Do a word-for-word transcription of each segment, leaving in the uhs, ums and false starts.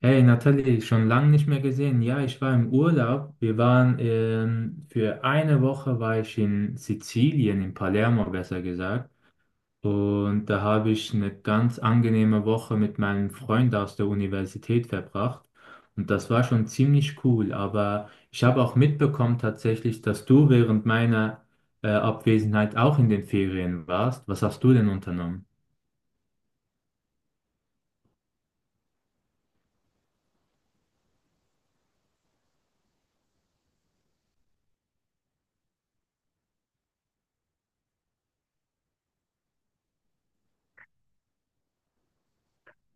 Hey Nathalie, schon lange nicht mehr gesehen. Ja, ich war im Urlaub. Wir waren ähm, für eine Woche war ich in Sizilien, in Palermo besser gesagt. Und da habe ich eine ganz angenehme Woche mit meinem Freund aus der Universität verbracht. Und das war schon ziemlich cool. Aber ich habe auch mitbekommen tatsächlich, dass du während meiner äh, Abwesenheit auch in den Ferien warst. Was hast du denn unternommen?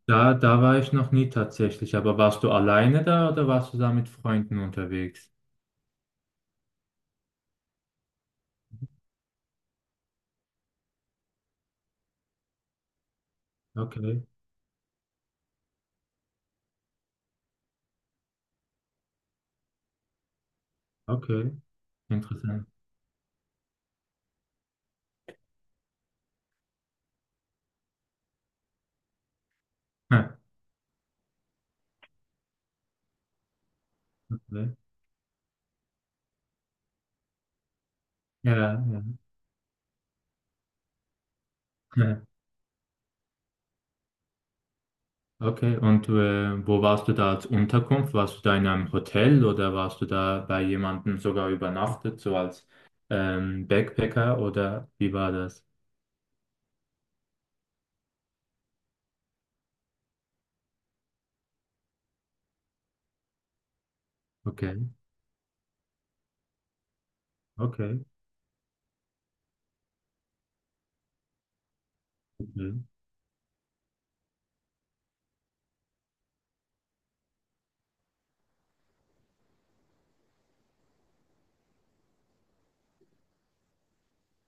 Da, da war ich noch nie tatsächlich, aber warst du alleine da oder warst du da mit Freunden unterwegs? Okay, okay, interessant. Hm, Okay. Ja, ja. Hm, Okay, und äh, wo warst du da als Unterkunft? Warst du da in einem Hotel oder warst du da bei jemandem sogar übernachtet, so als ähm, Backpacker oder wie war das? Okay, okay, okay,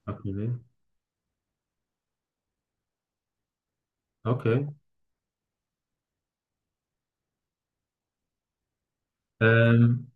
okay, okay. Ähm,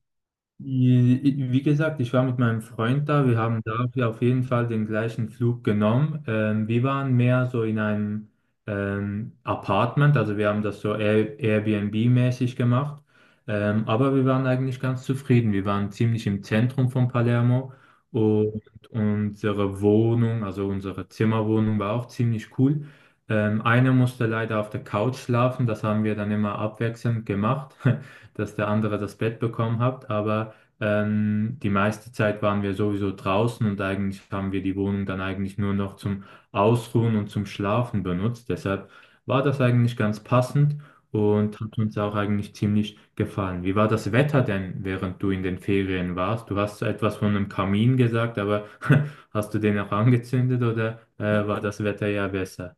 wie gesagt, ich war mit meinem Freund da. Wir, mhm, haben dafür auf jeden Fall den gleichen Flug genommen. Ähm, wir waren mehr so in einem ähm, Apartment, also wir haben das so Air Airbnb-mäßig gemacht. Ähm, aber wir waren eigentlich ganz zufrieden. Wir waren ziemlich im Zentrum von Palermo und unsere Wohnung, also unsere Zimmerwohnung, war auch ziemlich cool. Ähm, einer musste leider auf der Couch schlafen. Das haben wir dann immer abwechselnd gemacht, dass der andere das Bett bekommen hat. Aber ähm, die meiste Zeit waren wir sowieso draußen und eigentlich haben wir die Wohnung dann eigentlich nur noch zum Ausruhen und zum Schlafen benutzt. Deshalb war das eigentlich ganz passend und hat uns auch eigentlich ziemlich gefallen. Wie war das Wetter denn, während du in den Ferien warst? Du hast etwas von einem Kamin gesagt, aber hast du den auch angezündet oder äh, war das Wetter ja besser?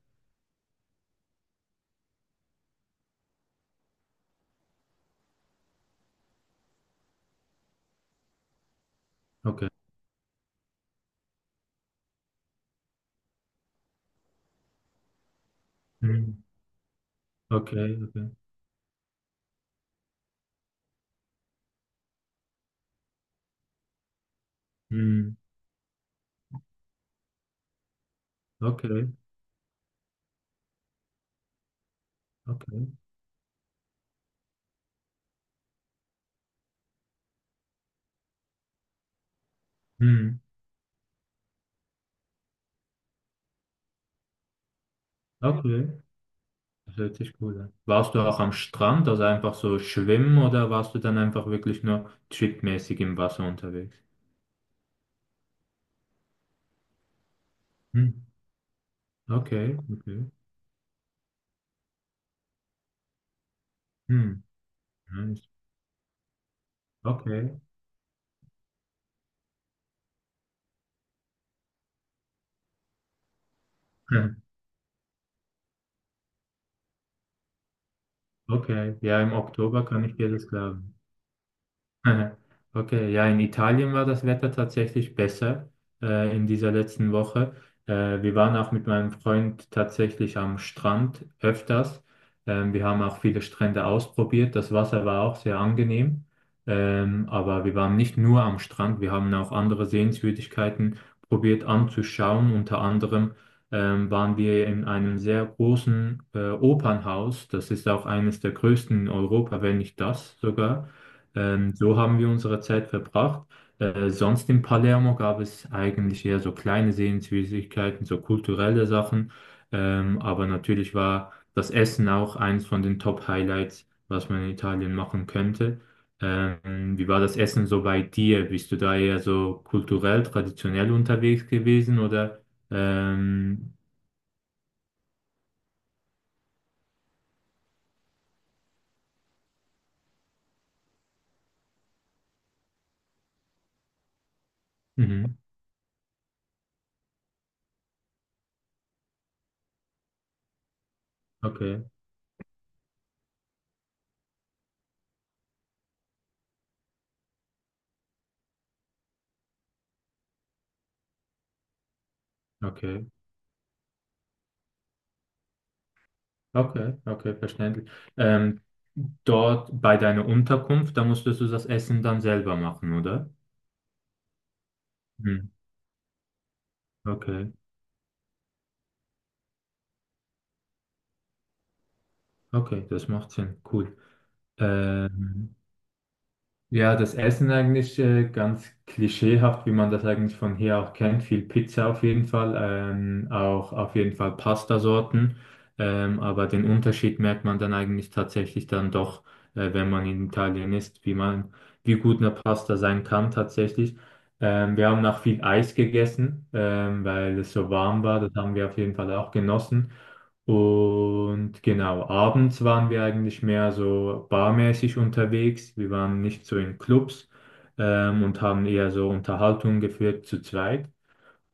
Okay. Hm. Okay, okay. Hm. Okay, okay. Hm. Okay. Das hört sich cool an. Warst du auch am Strand, also einfach so schwimmen oder warst du dann einfach wirklich nur tripmäßig im Wasser unterwegs? Hm. Okay, okay. Hm. Nice. Okay. Hm. Okay. Ja, im Oktober kann ich dir das glauben. Okay, ja, in Italien war das Wetter tatsächlich besser äh, in dieser letzten Woche. Äh, wir waren auch mit meinem Freund tatsächlich am Strand öfters. Ähm, wir haben auch viele Strände ausprobiert. Das Wasser war auch sehr angenehm. Ähm, aber wir waren nicht nur am Strand, wir haben auch andere Sehenswürdigkeiten probiert anzuschauen. Unter anderem ähm, waren wir in einem sehr großen äh, Opernhaus. Das ist auch eines der größten in Europa, wenn nicht das sogar. Ähm, so haben wir unsere Zeit verbracht. Äh, sonst in Palermo gab es eigentlich eher so kleine Sehenswürdigkeiten, so kulturelle Sachen. Ähm, aber natürlich war das Essen auch eins von den Top-Highlights, was man in Italien machen könnte. Ähm, wie war das Essen so bei dir? Bist du da eher so kulturell, traditionell unterwegs gewesen oder? Ähm, mhm. Okay, okay. Okay, okay, verständlich. Ähm, dort bei deiner Unterkunft, da musstest du das Essen dann selber machen, oder? Hm, okay, okay, das macht Sinn. Cool. Ähm, ja, das Essen eigentlich äh, ganz klischeehaft, wie man das eigentlich von hier auch kennt. Viel Pizza auf jeden Fall, ähm, auch auf jeden Fall Pastasorten. Ähm, aber den Unterschied merkt man dann eigentlich tatsächlich dann doch, äh, wenn man in Italien ist, wie man, wie gut eine Pasta sein kann tatsächlich. Ähm, wir haben auch viel Eis gegessen, ähm, weil es so warm war. Das haben wir auf jeden Fall auch genossen. Und genau, abends waren wir eigentlich mehr so barmäßig unterwegs. Wir waren nicht so in Clubs ähm, und haben eher so Unterhaltungen geführt zu zweit.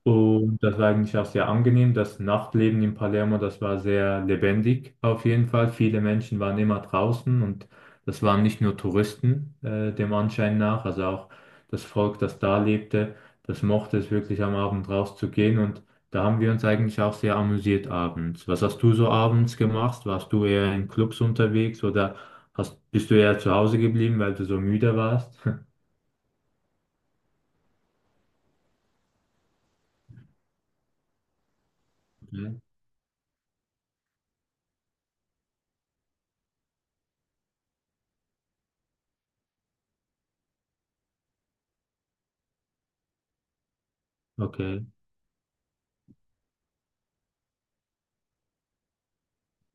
Und das war eigentlich auch sehr angenehm. Das Nachtleben in Palermo, das war sehr lebendig auf jeden Fall. Viele Menschen waren immer draußen und das waren nicht nur Touristen, äh, dem Anschein nach. Also auch das Volk, das da lebte, das mochte es wirklich am Abend rauszugehen. Und da haben wir uns eigentlich auch sehr amüsiert abends. Was hast du so abends gemacht? Warst du eher in Clubs unterwegs oder hast, bist du eher zu Hause geblieben, weil du so müde warst? Okay.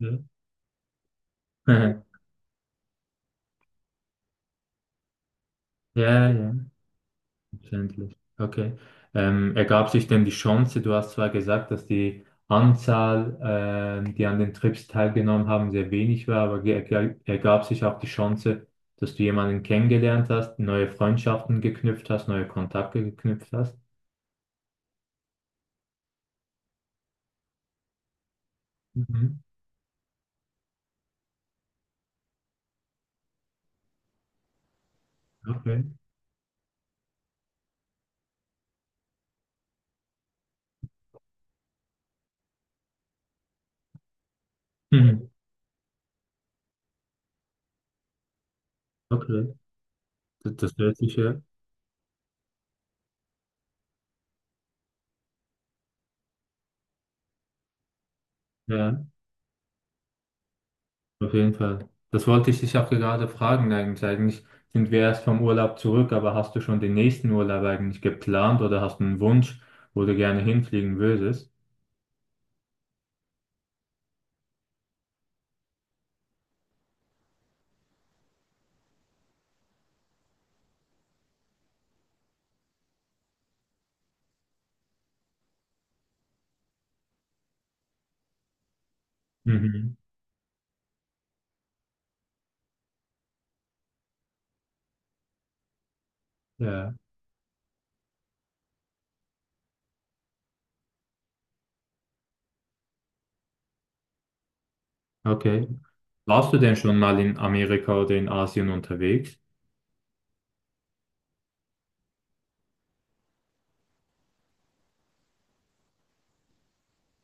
Okay. Ja, ja, ja. Verständlich. Okay. Ähm, ergab sich denn die Chance, du hast zwar gesagt, dass die Anzahl, ähm, die an den Trips teilgenommen haben, sehr wenig war, aber ge- ge- ergab sich auch die Chance, dass du jemanden kennengelernt hast, neue Freundschaften geknüpft hast, neue Kontakte geknüpft hast? Mhm. Okay. Mhm. Okay. Das, das hört sich ja. Ja. Auf jeden Fall. Das wollte ich dich auch gerade fragen eigentlich. Eigentlich sind wir erst vom Urlaub zurück, aber hast du schon den nächsten Urlaub eigentlich geplant oder hast du einen Wunsch, wo du gerne hinfliegen würdest? Mhm. Ja, okay. Warst du denn schon mal in Amerika oder in Asien unterwegs?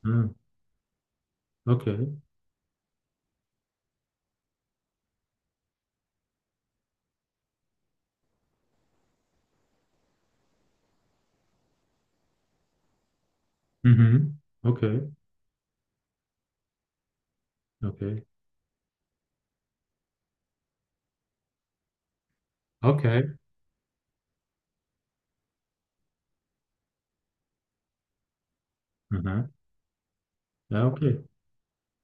Ah, okay. Mhm. Okay, okay, okay. Mhm. Ja, okay.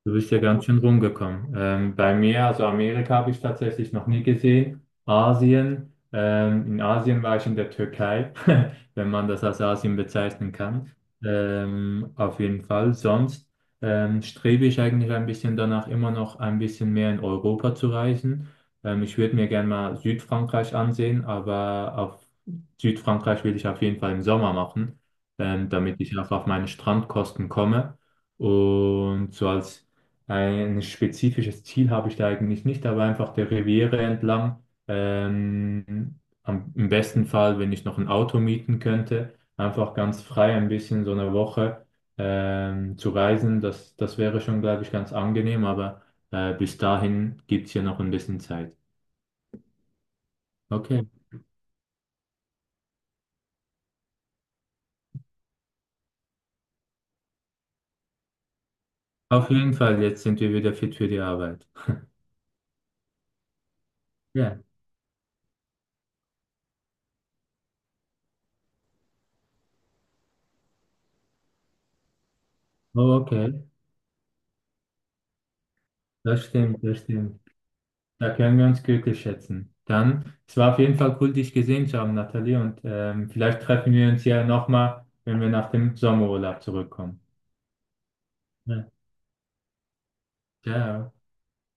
Du bist ja ganz schön rumgekommen. Ähm, bei mir, also Amerika habe ich tatsächlich noch nie gesehen. Asien, ähm, in Asien war ich in der Türkei, wenn man das als Asien bezeichnen kann. Ähm, auf jeden Fall. Sonst ähm, strebe ich eigentlich ein bisschen danach, immer noch ein bisschen mehr in Europa zu reisen. Ähm, ich würde mir gerne mal Südfrankreich ansehen, aber auf Südfrankreich will ich auf jeden Fall im Sommer machen, ähm, damit ich auch auf meine Strandkosten komme. Und so als ein spezifisches Ziel habe ich da eigentlich nicht, aber einfach der Riviera entlang. Ähm, am, im besten Fall, wenn ich noch ein Auto mieten könnte, einfach ganz frei ein bisschen so eine Woche ähm, zu reisen. Das, das wäre schon, glaube ich, ganz angenehm, aber äh, bis dahin gibt es ja noch ein bisschen Zeit. Okay, auf jeden Fall, jetzt sind wir wieder fit für die Arbeit. Ja, oh, okay, das stimmt, das stimmt. Da können wir uns glücklich schätzen. Dann, es war auf jeden Fall cool, dich gesehen zu haben, Nathalie. Und ähm, vielleicht treffen wir uns ja nochmal, wenn wir nach dem Sommerurlaub zurückkommen. Ja. Ciao.